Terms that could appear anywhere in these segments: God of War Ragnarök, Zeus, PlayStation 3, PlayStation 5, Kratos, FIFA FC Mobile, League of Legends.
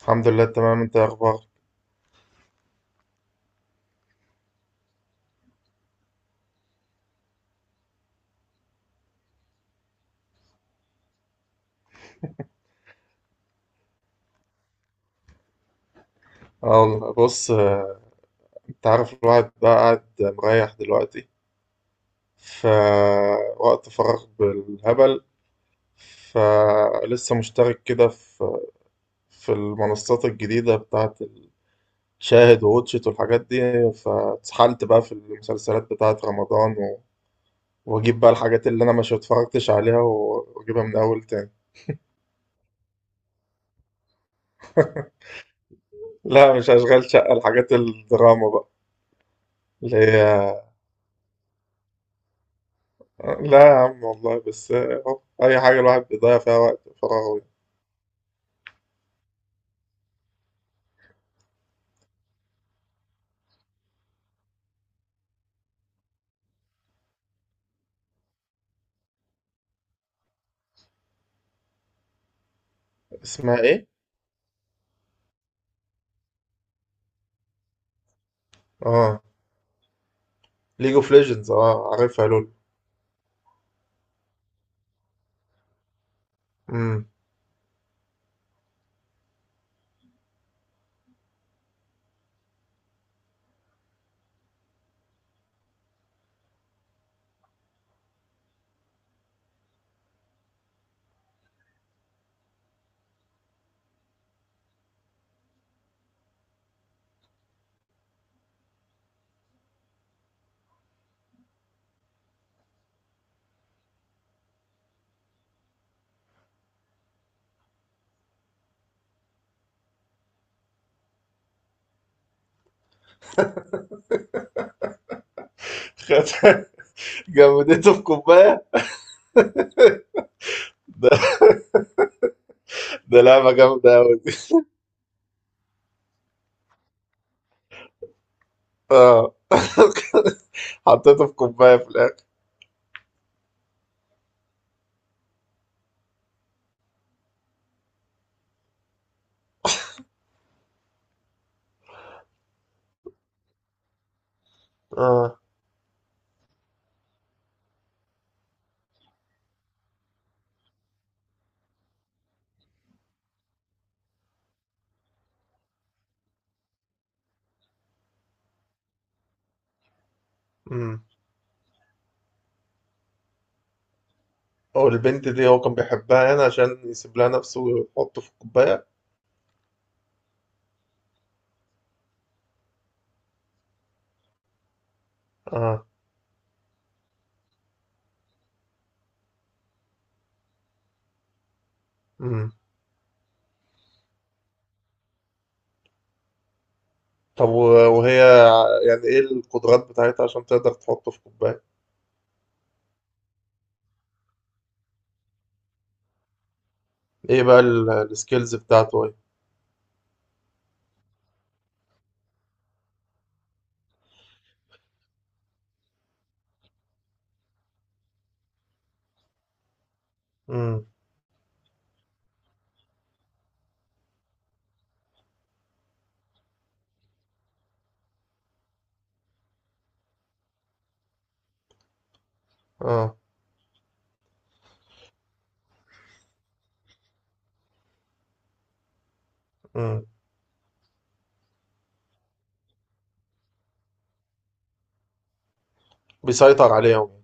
الحمد لله تمام. انت ايه اخبارك؟ اه والله بص، انت عارف الواحد بقى قاعد مريح دلوقتي، فوقت فراغ بالهبل. فلسه مشترك كده في المنصات الجديدة بتاعت شاهد ووتشت والحاجات دي. فاتسحلت بقى في المسلسلات بتاعت رمضان واجيب بقى الحاجات اللي انا مش اتفرجتش عليها واجيبها من اول تاني. لا، مش اشغال شقة، الحاجات الدراما بقى اللي هي. لا يا عم والله، بس أهو، أي حاجة الواحد بيضيع فيها وقت فراغه. اسمها إيه؟ آه، ليج أوف ليجندز، آه عارفها، لول. امم. جمدته في كوباية. ده ده لعبة جامدة أوي دي. آه، حطيته في كوباية في الآخر. آه. امم. والبنت دي هو كان بيحبها، هنا عشان يسيب لها نفسه ويحطه في الكوباية؟ آه. امم. طب وهي يعني إيه القدرات بتاعتها عشان تقدر تحطه في كوباية؟ إيه بقى السكيلز بتاعته؟ إيه؟ اه. امم. بيسيطر عليهم.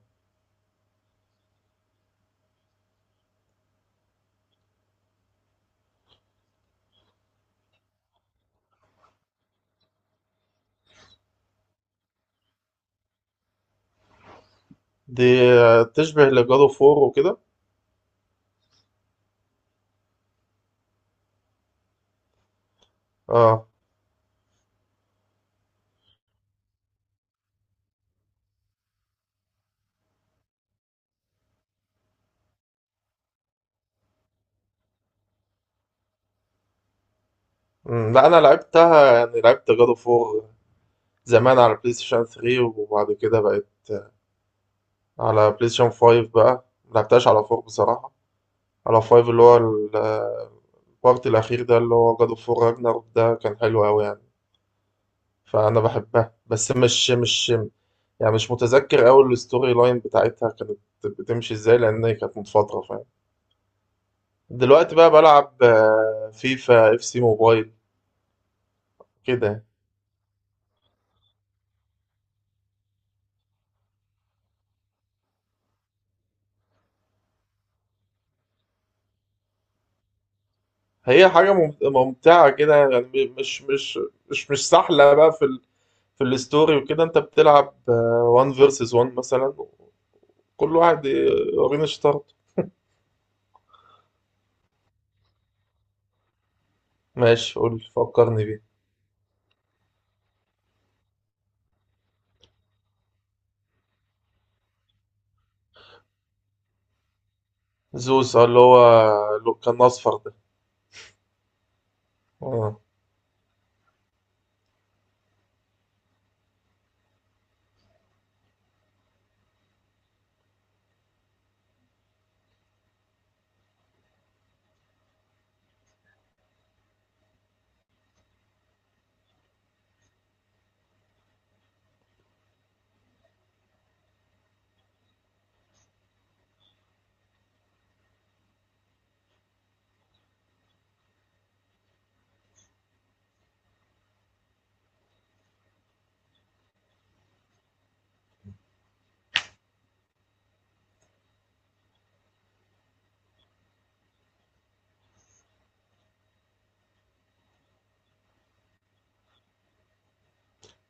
دي، تشبه لجادو فور وكده. اه. امم. لا، انا لعبتها، يعني لعبت جادو فور زمان على بلاي ستيشن 3، وبعد كده بقت على بلاي ستيشن 5. بقى ملعبتهاش على 4 بصراحة. على 5 اللي هو البارت الأخير، ده اللي هو جادو فور راجناروك، ده كان حلو أوي يعني. فأنا بحبها، بس مش يعني مش متذكر أوي الستوري لاين بتاعتها كانت بتمشي ازاي، لأن هي كانت من فترة. دلوقتي بقى بلعب فيفا اف سي موبايل كده. هي حاجة ممتعة كده، يعني مش سهلة بقى في الستوري وكده. انت بتلعب 1 فيرسز 1 مثلا، كل واحد يورينا شطارته. ماشي، قول فكرني بيه. زوس، اللي هو اللي كان اصفر ده. آه.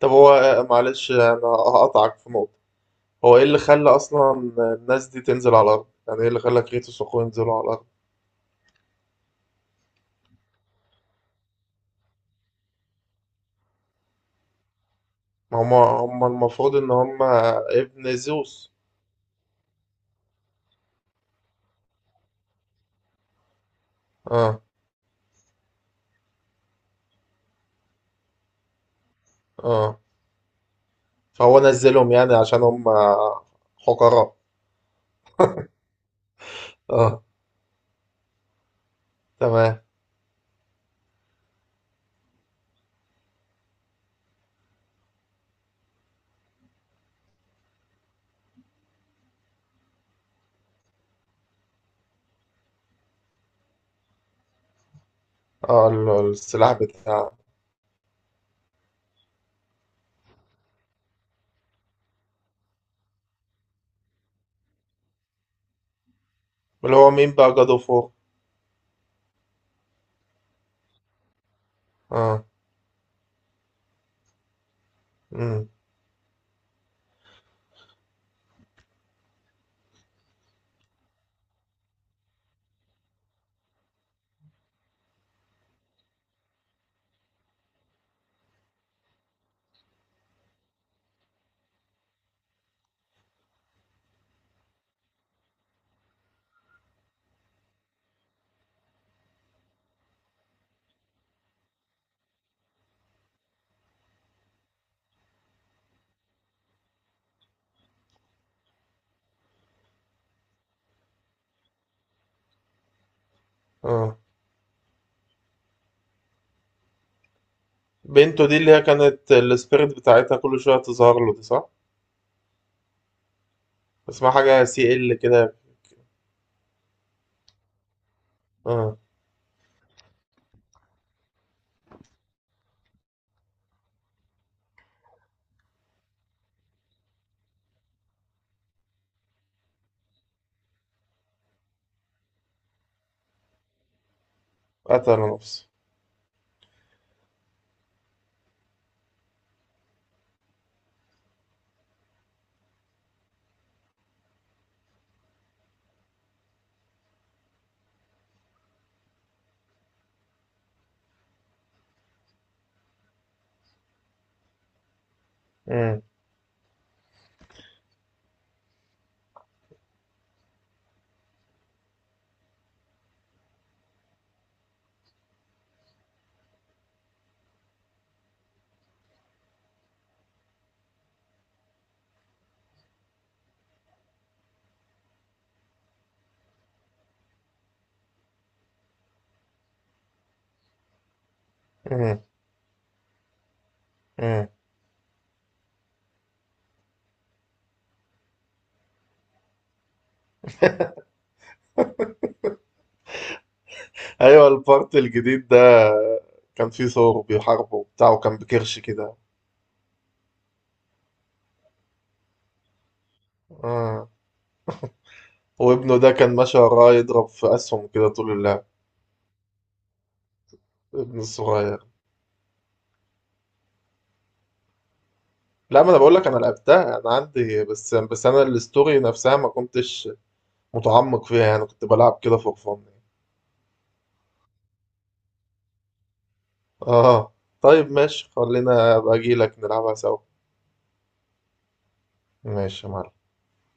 طب هو معلش انا هقطعك في نقطة. هو ايه اللي خلى اصلا الناس دي تنزل على الارض؟ يعني ايه اللي خلى كريتوس واخوه ينزلوا على الارض؟ هما المفروض ان هما ابن زيوس. اه. اه. فهو نزلهم يعني عشان هما. حقراء. اه. تمام. اه السلاح بتاع. اللي هو مين بقى جاد اوف وور؟ اه. امم. اه. بنته دي اللي هي كانت السبيريت بتاعتها كل شوية تظهر له، دي صح؟ اسمها حاجة سي ال كده. اه. قتل نفسه. امم. امم. امم. ايوه، البارت الجديد ده كان فيه ثور بيحاربه وبتاع، وكان بكرش كده. اه. وابنه ده كان ماشي وراه يضرب في اسهم كده طول اللعب. ابن الصغير. لا، ما انا بقول لك انا لعبتها، انا عندي، بس انا الاستوري نفسها ما كنتش متعمق فيها، يعني كنت بلعب كده فور فن. اه، طيب ماشي، خلينا ابقى اجي لك نلعبها سوا. ماشي يا معلم.